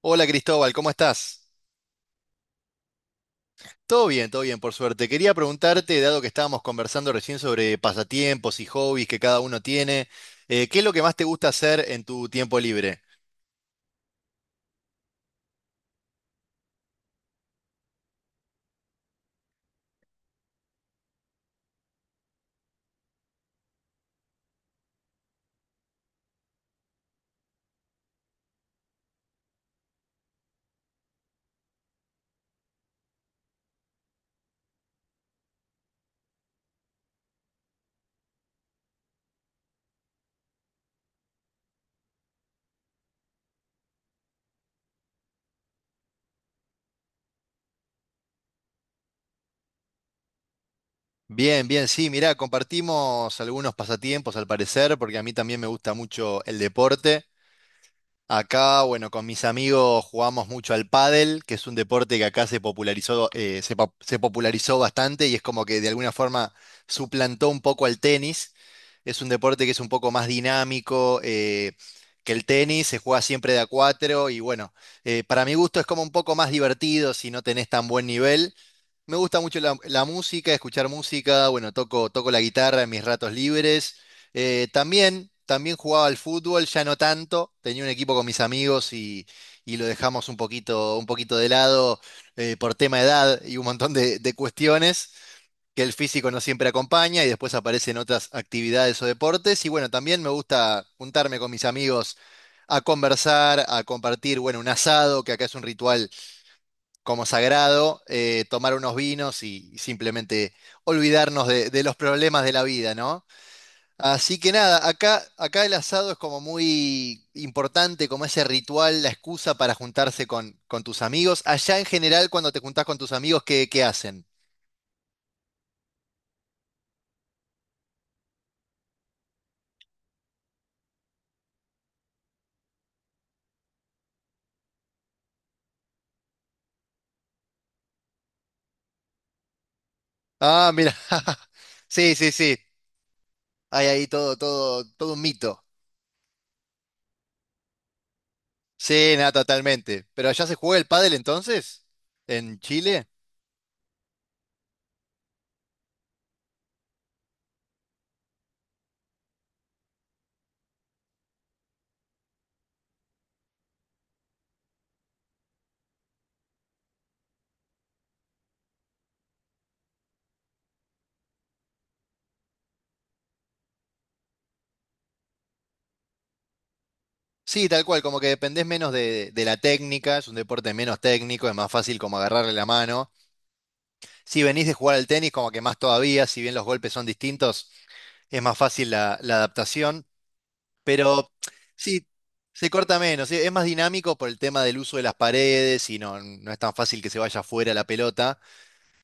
Hola Cristóbal, ¿cómo estás? Todo bien, por suerte. Quería preguntarte, dado que estábamos conversando recién sobre pasatiempos y hobbies que cada uno tiene, ¿qué es lo que más te gusta hacer en tu tiempo libre? Bien, bien, sí, mirá, compartimos algunos pasatiempos al parecer, porque a mí también me gusta mucho el deporte. Acá, bueno, con mis amigos jugamos mucho al pádel, que es un deporte que acá se popularizó bastante y es como que de alguna forma suplantó un poco al tenis. Es un deporte que es un poco más dinámico que el tenis, se juega siempre de a cuatro y bueno, para mi gusto es como un poco más divertido si no tenés tan buen nivel. Me gusta mucho la música, escuchar música, bueno, toco la guitarra en mis ratos libres. También jugaba al fútbol, ya no tanto, tenía un equipo con mis amigos y lo dejamos un poquito de lado por tema de edad y un montón de cuestiones que el físico no siempre acompaña y después aparecen otras actividades o deportes. Y bueno, también me gusta juntarme con mis amigos a conversar, a compartir, bueno, un asado, que acá es un ritual como sagrado, tomar unos vinos y simplemente olvidarnos de los problemas de la vida, ¿no? Así que nada, acá el asado es como muy importante, como ese ritual, la excusa para juntarse con tus amigos. Allá en general, cuando te juntás con tus amigos, ¿qué hacen? Ah, mira. Sí, sí, sí. Hay ahí todo, todo, todo un mito. Sí, nada, totalmente. ¿Pero allá se juega el pádel entonces? ¿En Chile? Sí, tal cual, como que dependés menos de la técnica, es un deporte menos técnico, es más fácil como agarrarle la mano. Si venís de jugar al tenis, como que más todavía, si bien los golpes son distintos, es más fácil la adaptación, pero sí, se corta menos, sí, es más dinámico por el tema del uso de las paredes y no es tan fácil que se vaya fuera la pelota,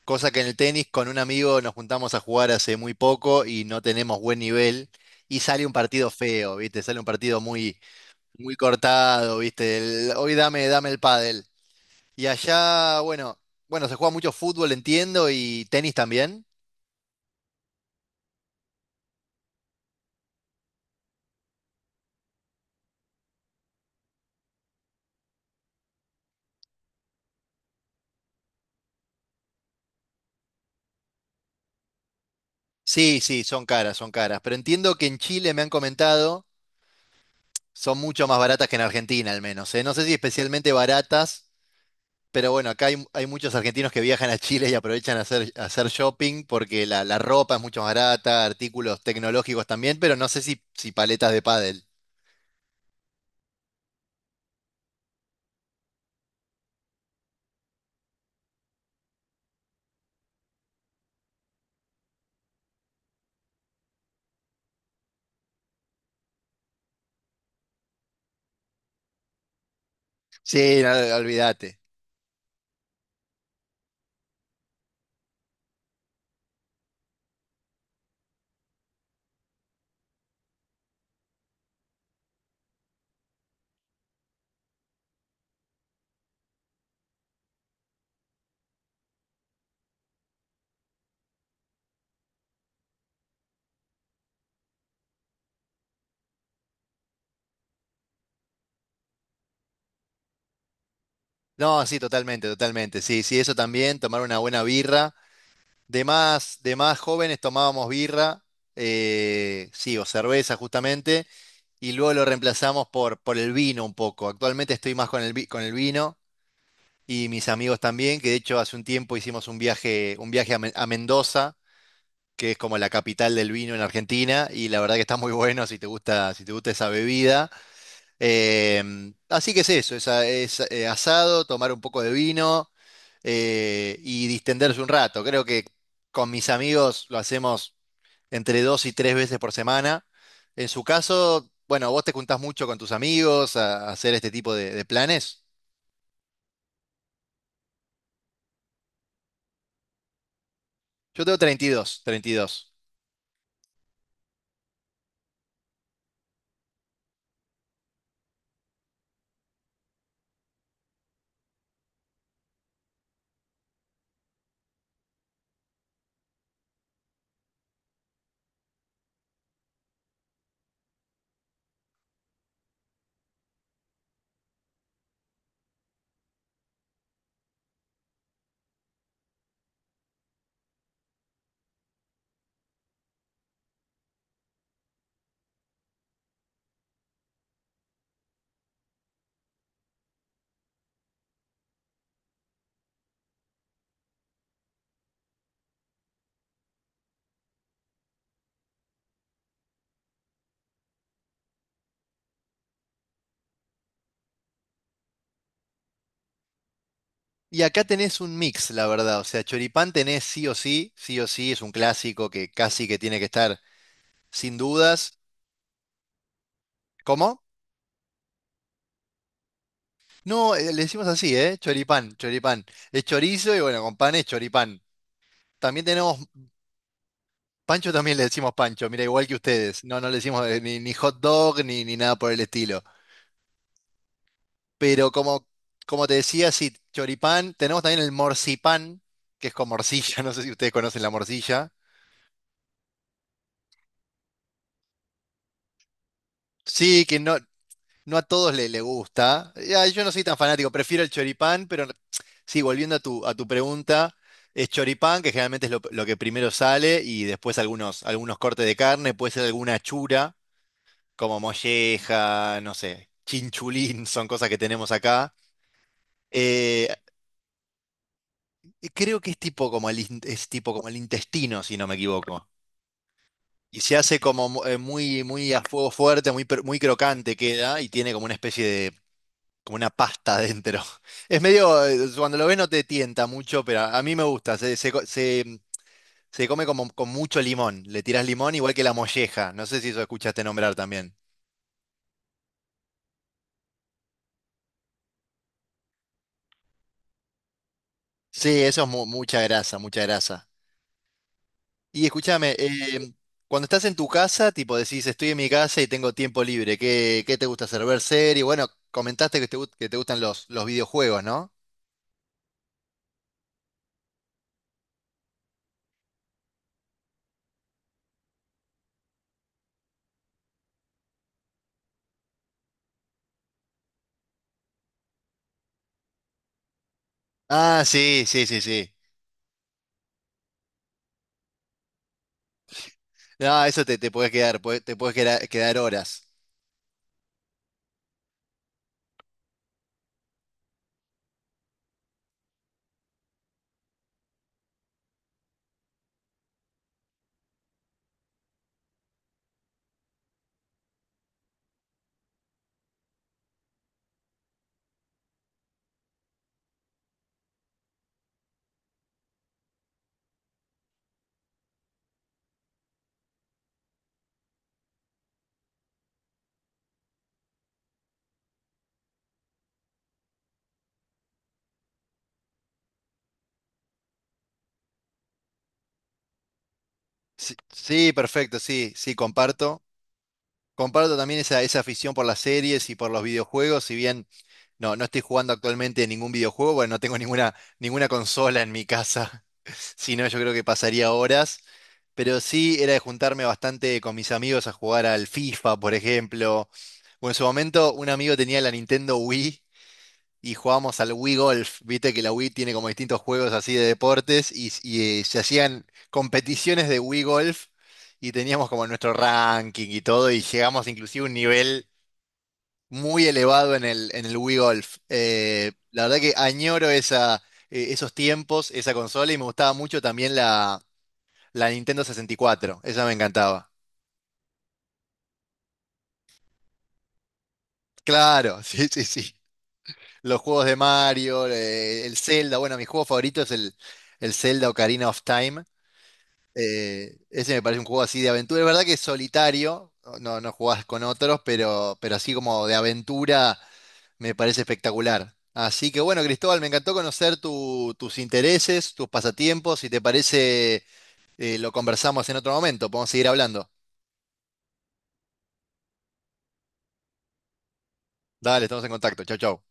cosa que en el tenis con un amigo nos juntamos a jugar hace muy poco y no tenemos buen nivel y sale un partido feo, ¿viste? Sale un partido muy muy cortado, ¿viste? Hoy dame el pádel. Y allá, bueno, se juega mucho fútbol, entiendo, y tenis también. Sí, sí, son caras, son caras. Pero entiendo que en Chile me han comentado, son mucho más baratas que en Argentina, al menos, ¿eh? No sé si especialmente baratas, pero bueno, acá hay muchos argentinos que viajan a Chile y aprovechan a hacer shopping porque la ropa es mucho más barata, artículos tecnológicos también, pero no sé si paletas de pádel. Sí, no, olvídate. No, sí, totalmente, totalmente. Sí, sí, eso también, tomar una buena birra. De más jóvenes tomábamos birra, sí, o cerveza justamente, y luego lo reemplazamos por el vino un poco. Actualmente estoy más con el vino y mis amigos también, que de hecho hace un tiempo hicimos un viaje a Mendoza, que es como la capital del vino en Argentina, y la verdad que está muy bueno si te gusta, si te gusta esa bebida. Así que es eso, asado, tomar un poco de vino y distenderse un rato. Creo que con mis amigos lo hacemos entre 2 y 3 veces por semana. En su caso, bueno, vos te juntás mucho con tus amigos a hacer este tipo de planes. Yo tengo 32, 32. Y dos. Y acá tenés un mix, la verdad. O sea, choripán tenés sí o sí, es un clásico que casi que tiene que estar sin dudas. ¿Cómo? No, le decimos así, ¿eh? Choripán, choripán. Es chorizo y bueno, con pan es choripán. También tenemos, pancho también le decimos pancho, mira, igual que ustedes. No, no le decimos ni hot dog ni nada por el estilo. Pero como te decía, sí, choripán. Tenemos también el morcipán, que es con morcilla, no sé si ustedes conocen la morcilla. Sí, que no a todos le gusta. Ya, yo no soy tan fanático, prefiero el choripán, pero no, sí, volviendo a tu pregunta, es choripán, que generalmente es lo que primero sale, y después algunos cortes de carne, puede ser alguna chura, como molleja, no sé, chinchulín, son cosas que tenemos acá. Eh, creo que es tipo como el intestino, si no me equivoco. Y se hace como muy, muy a fuego fuerte, muy crocante queda, y tiene como una especie de como una pasta adentro. Es medio, cuando lo ves no te tienta mucho, pero a mí me gusta. Se come como con mucho limón. Le tiras limón igual que la molleja. No sé si eso escuchaste nombrar también. Sí, eso es mucha grasa, mucha grasa. Y escúchame, cuando estás en tu casa, tipo decís, estoy en mi casa y tengo tiempo libre, ¿qué te gusta hacer? Ver serie. Bueno, comentaste que te gustan los videojuegos, ¿no? Ah, sí, sí, sí, sí. No, eso te puedes quedar, quedar horas. Sí, sí, perfecto, sí, sí, comparto. Comparto también esa afición por las series y por los videojuegos, si bien no estoy jugando actualmente ningún videojuego, bueno, no tengo ninguna consola en mi casa, si no yo creo que pasaría horas, pero sí era de juntarme bastante con mis amigos a jugar al FIFA, por ejemplo, o en su momento un amigo tenía la Nintendo Wii y jugábamos al Wii Golf. Viste que la Wii tiene como distintos juegos así de deportes se hacían competiciones de Wii Golf y teníamos como nuestro ranking y todo y llegamos inclusive a un nivel muy elevado en el Wii Golf. La verdad que añoro esos tiempos, esa consola y me gustaba mucho también la Nintendo 64. Esa me encantaba. Claro, sí, sí, sí. Los juegos de Mario, el Zelda, bueno, mi juego favorito es el Zelda Ocarina of Time. Ese me parece un juego así de aventura. Es verdad que es solitario, no jugás con otros, pero, así como de aventura me parece espectacular. Así que bueno, Cristóbal, me encantó conocer tus intereses, tus pasatiempos. Si te parece, lo conversamos en otro momento. Podemos seguir hablando. Dale, estamos en contacto. Chau, chau.